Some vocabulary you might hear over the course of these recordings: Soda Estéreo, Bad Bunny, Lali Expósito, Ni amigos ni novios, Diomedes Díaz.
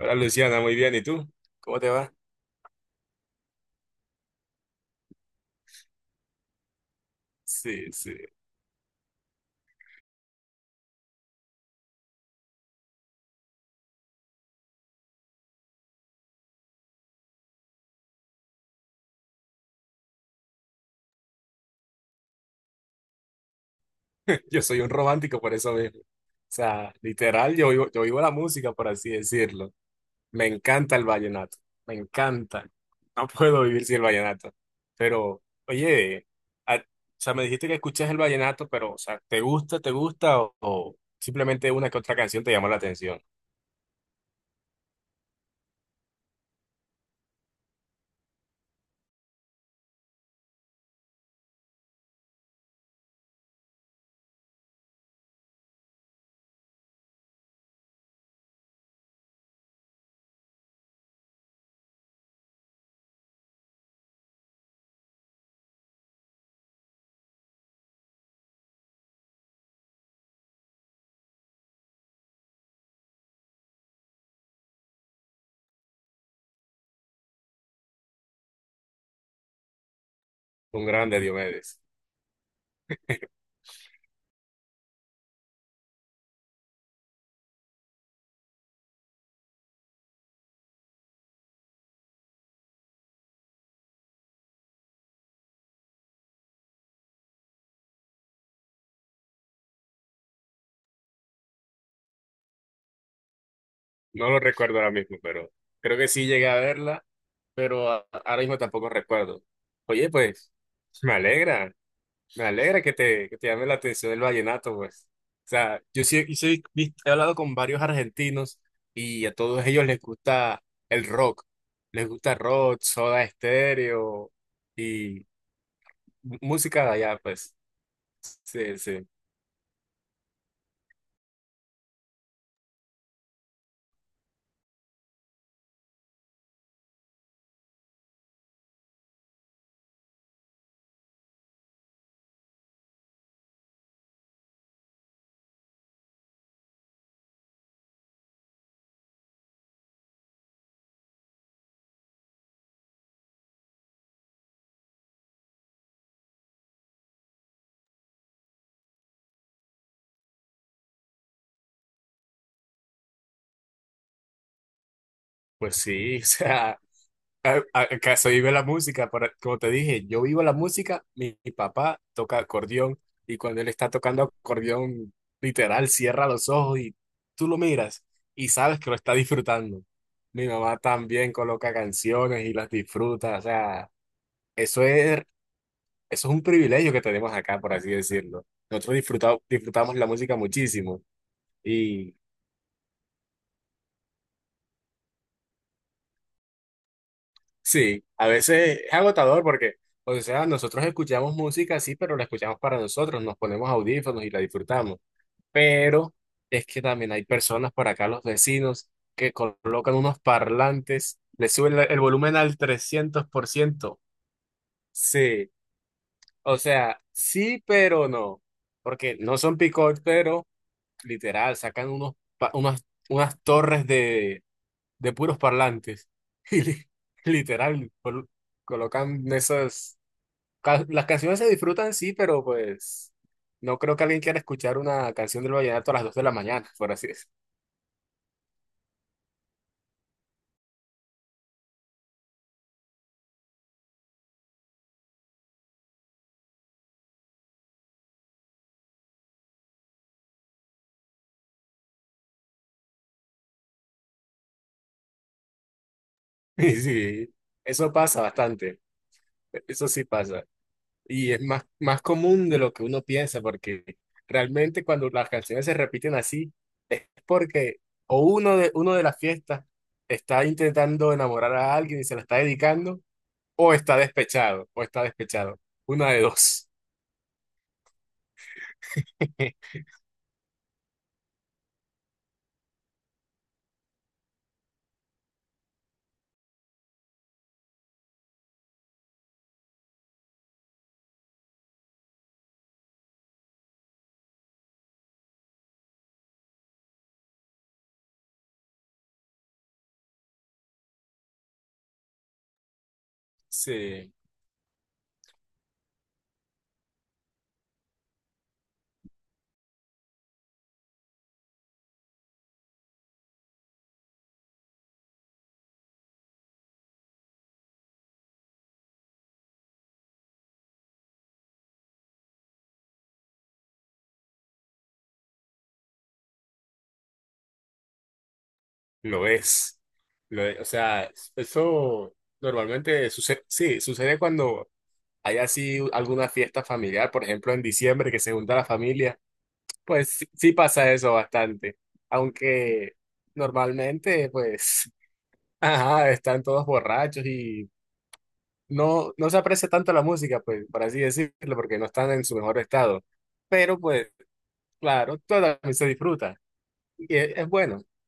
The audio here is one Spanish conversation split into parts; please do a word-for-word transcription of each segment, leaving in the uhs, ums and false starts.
Hola Luciana, muy bien. ¿Y tú? ¿Cómo te va? Sí, sí. Yo soy un romántico por eso mismo. O sea, literal, yo vivo, yo vivo la música, por así decirlo. Me encanta el vallenato. Me encanta. No puedo vivir sin el vallenato. Pero, oye, a- o sea, me dijiste que escuchas el vallenato, pero, o sea, ¿te gusta, te gusta o, o simplemente una que otra canción te llamó la atención? Un grande Diomedes. No lo recuerdo ahora mismo, pero creo que sí llegué a verla, pero a- ahora mismo tampoco recuerdo. Oye, pues, me alegra, me alegra que te, que te llame la atención el vallenato, pues. O sea, yo sí, yo sí vi- he hablado con varios argentinos y a todos ellos les gusta el rock. Les gusta rock, Soda Estéreo y música de allá, pues. Sí, sí. Pues sí, o sea. a- a- Acá se vive la música, para como te dije, yo vivo la música, mi, mi papá toca acordeón y cuando él está tocando acordeón, literal, cierra los ojos y tú lo miras y sabes que lo está disfrutando. Mi mamá también coloca canciones y las disfruta, o sea, eso es, eso es un privilegio que tenemos acá, por así decirlo. Nosotros disfruta- disfrutamos la música muchísimo. Sí, a veces es agotador porque, o sea, nosotros escuchamos música, sí, pero la escuchamos para nosotros, nos ponemos audífonos y la disfrutamos. Pero es que también hay personas por acá, los vecinos, que colocan unos parlantes, le suben la- el volumen al trescientos por ciento. Sí, o sea, sí, pero no, porque no son picot, pero literal, sacan unos, pa- unas, unas torres de puros parlantes. Y li- literal, col- colocan esas... ca- Las canciones se disfrutan, sí, pero pues no creo que alguien quiera escuchar una canción del vallenato a las dos de la mañana, por así decirlo. Y sí, eso pasa bastante, eso sí pasa. Y es más, más común de lo que uno piensa, porque realmente cuando las canciones se repiten así, es porque o uno de, uno de las fiestas está intentando enamorar a alguien y se la está dedicando. O está despechado, o está despechado. Una de dos. Sí, lo es. Lo es. O sea, eso normalmente sucede, sí, sucede cuando hay así alguna fiesta familiar, por ejemplo, en diciembre que se junta la familia. Pues sí, sí pasa eso bastante. Aunque normalmente, pues, ajá, están todos borrachos y no, no se aprecia tanto la música, pues, por así decirlo, porque no están en su mejor estado. Pero, pues, claro, todo también se disfruta. Y es, es bueno. O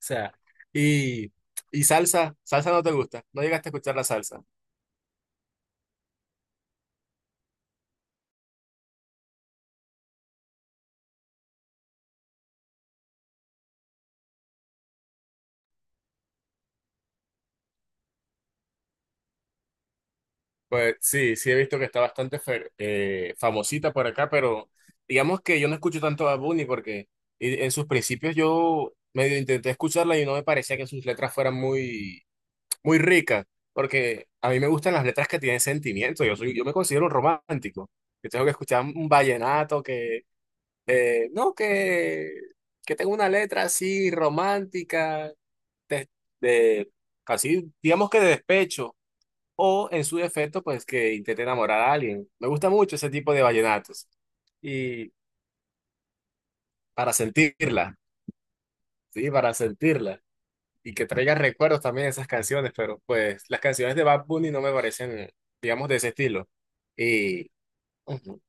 sea, y, y salsa, salsa no te gusta, no llegaste a escuchar la salsa. Pues sí, sí he visto que está bastante fer- eh, famosita por acá, pero digamos que yo no escucho tanto a Bunny porque y- en sus principios yo medio intenté escucharla y no me parecía que sus letras fueran muy, muy ricas, porque a mí me gustan las letras que tienen sentimiento, yo soy, yo me considero un romántico. Yo tengo que escuchar un vallenato que, eh, no, que que tenga una letra así romántica, de, de casi, digamos que de despecho, o en su defecto, pues que intente enamorar a alguien. Me gusta mucho ese tipo de vallenatos. Y para sentirla, sí, para sentirla. Y que traiga recuerdos también esas canciones, pero pues las canciones de Bad Bunny no me parecen, digamos, de ese estilo. Y ujú,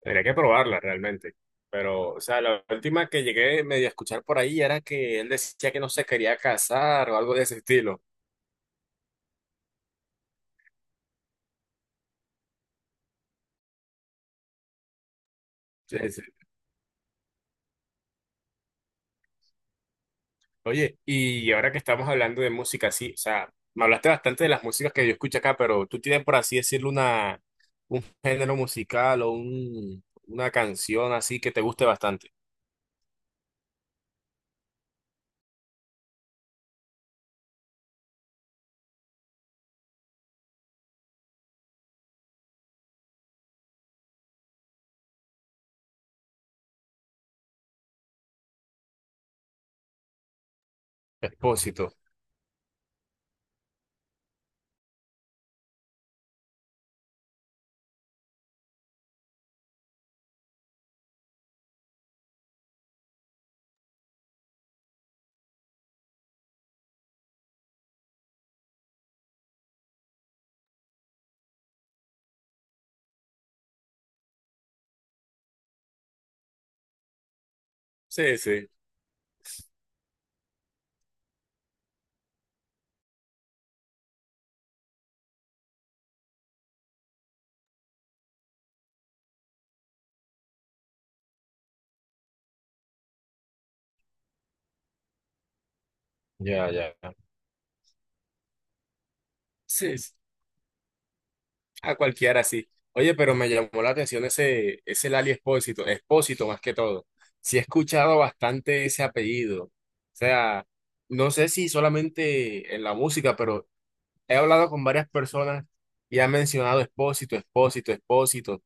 tendría que probarla realmente. Pero, o sea, la última que llegué medio a escuchar por ahí era que él decía que no se quería casar o algo de ese estilo. Sí, sí. Oye, y ahora que estamos hablando de música, sí, o sea, me hablaste bastante de las músicas que yo escucho acá, pero tú tienes, por así decirlo, una, un género musical o un, una canción así que te guste bastante. Expósito. Sí, sí. Ya, ya. ya. Sí, sí, a cualquiera así. Oye, pero me llamó la atención ese, ese Lali Expósito, Expósito más que todo. Sí he escuchado bastante ese apellido. O sea, no sé si solamente en la música, pero he hablado con varias personas y han mencionado Expósito, Expósito, Expósito,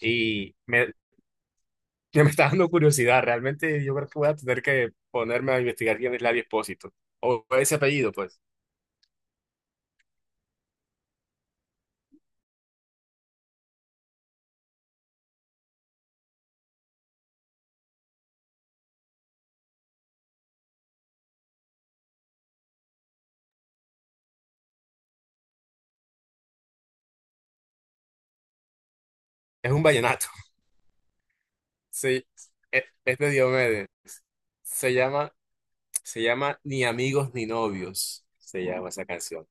y me, que me está dando curiosidad. Realmente yo creo que voy a tener que ponerme a investigar quién es Ladio Expósito, o ese apellido, pues. Es un vallenato. Sí, es es de Diomedes. Se llama, se llama Ni amigos ni novios, se llama esa canción.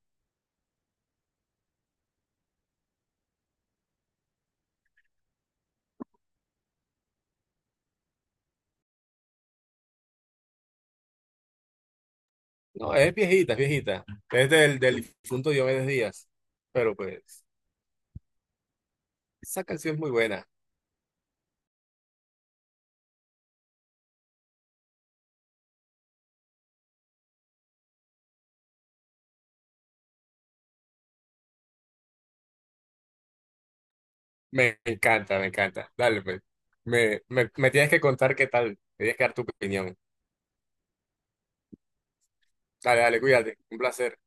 No, es viejita, es viejita. Es del, del difunto Diomedes Díaz, pero pues, esa canción es muy buena. Me encanta, me encanta. Dale, pues. Me, me, me tienes que contar qué tal. Me tienes que dar tu opinión. Dale, dale, cuídate. Un placer.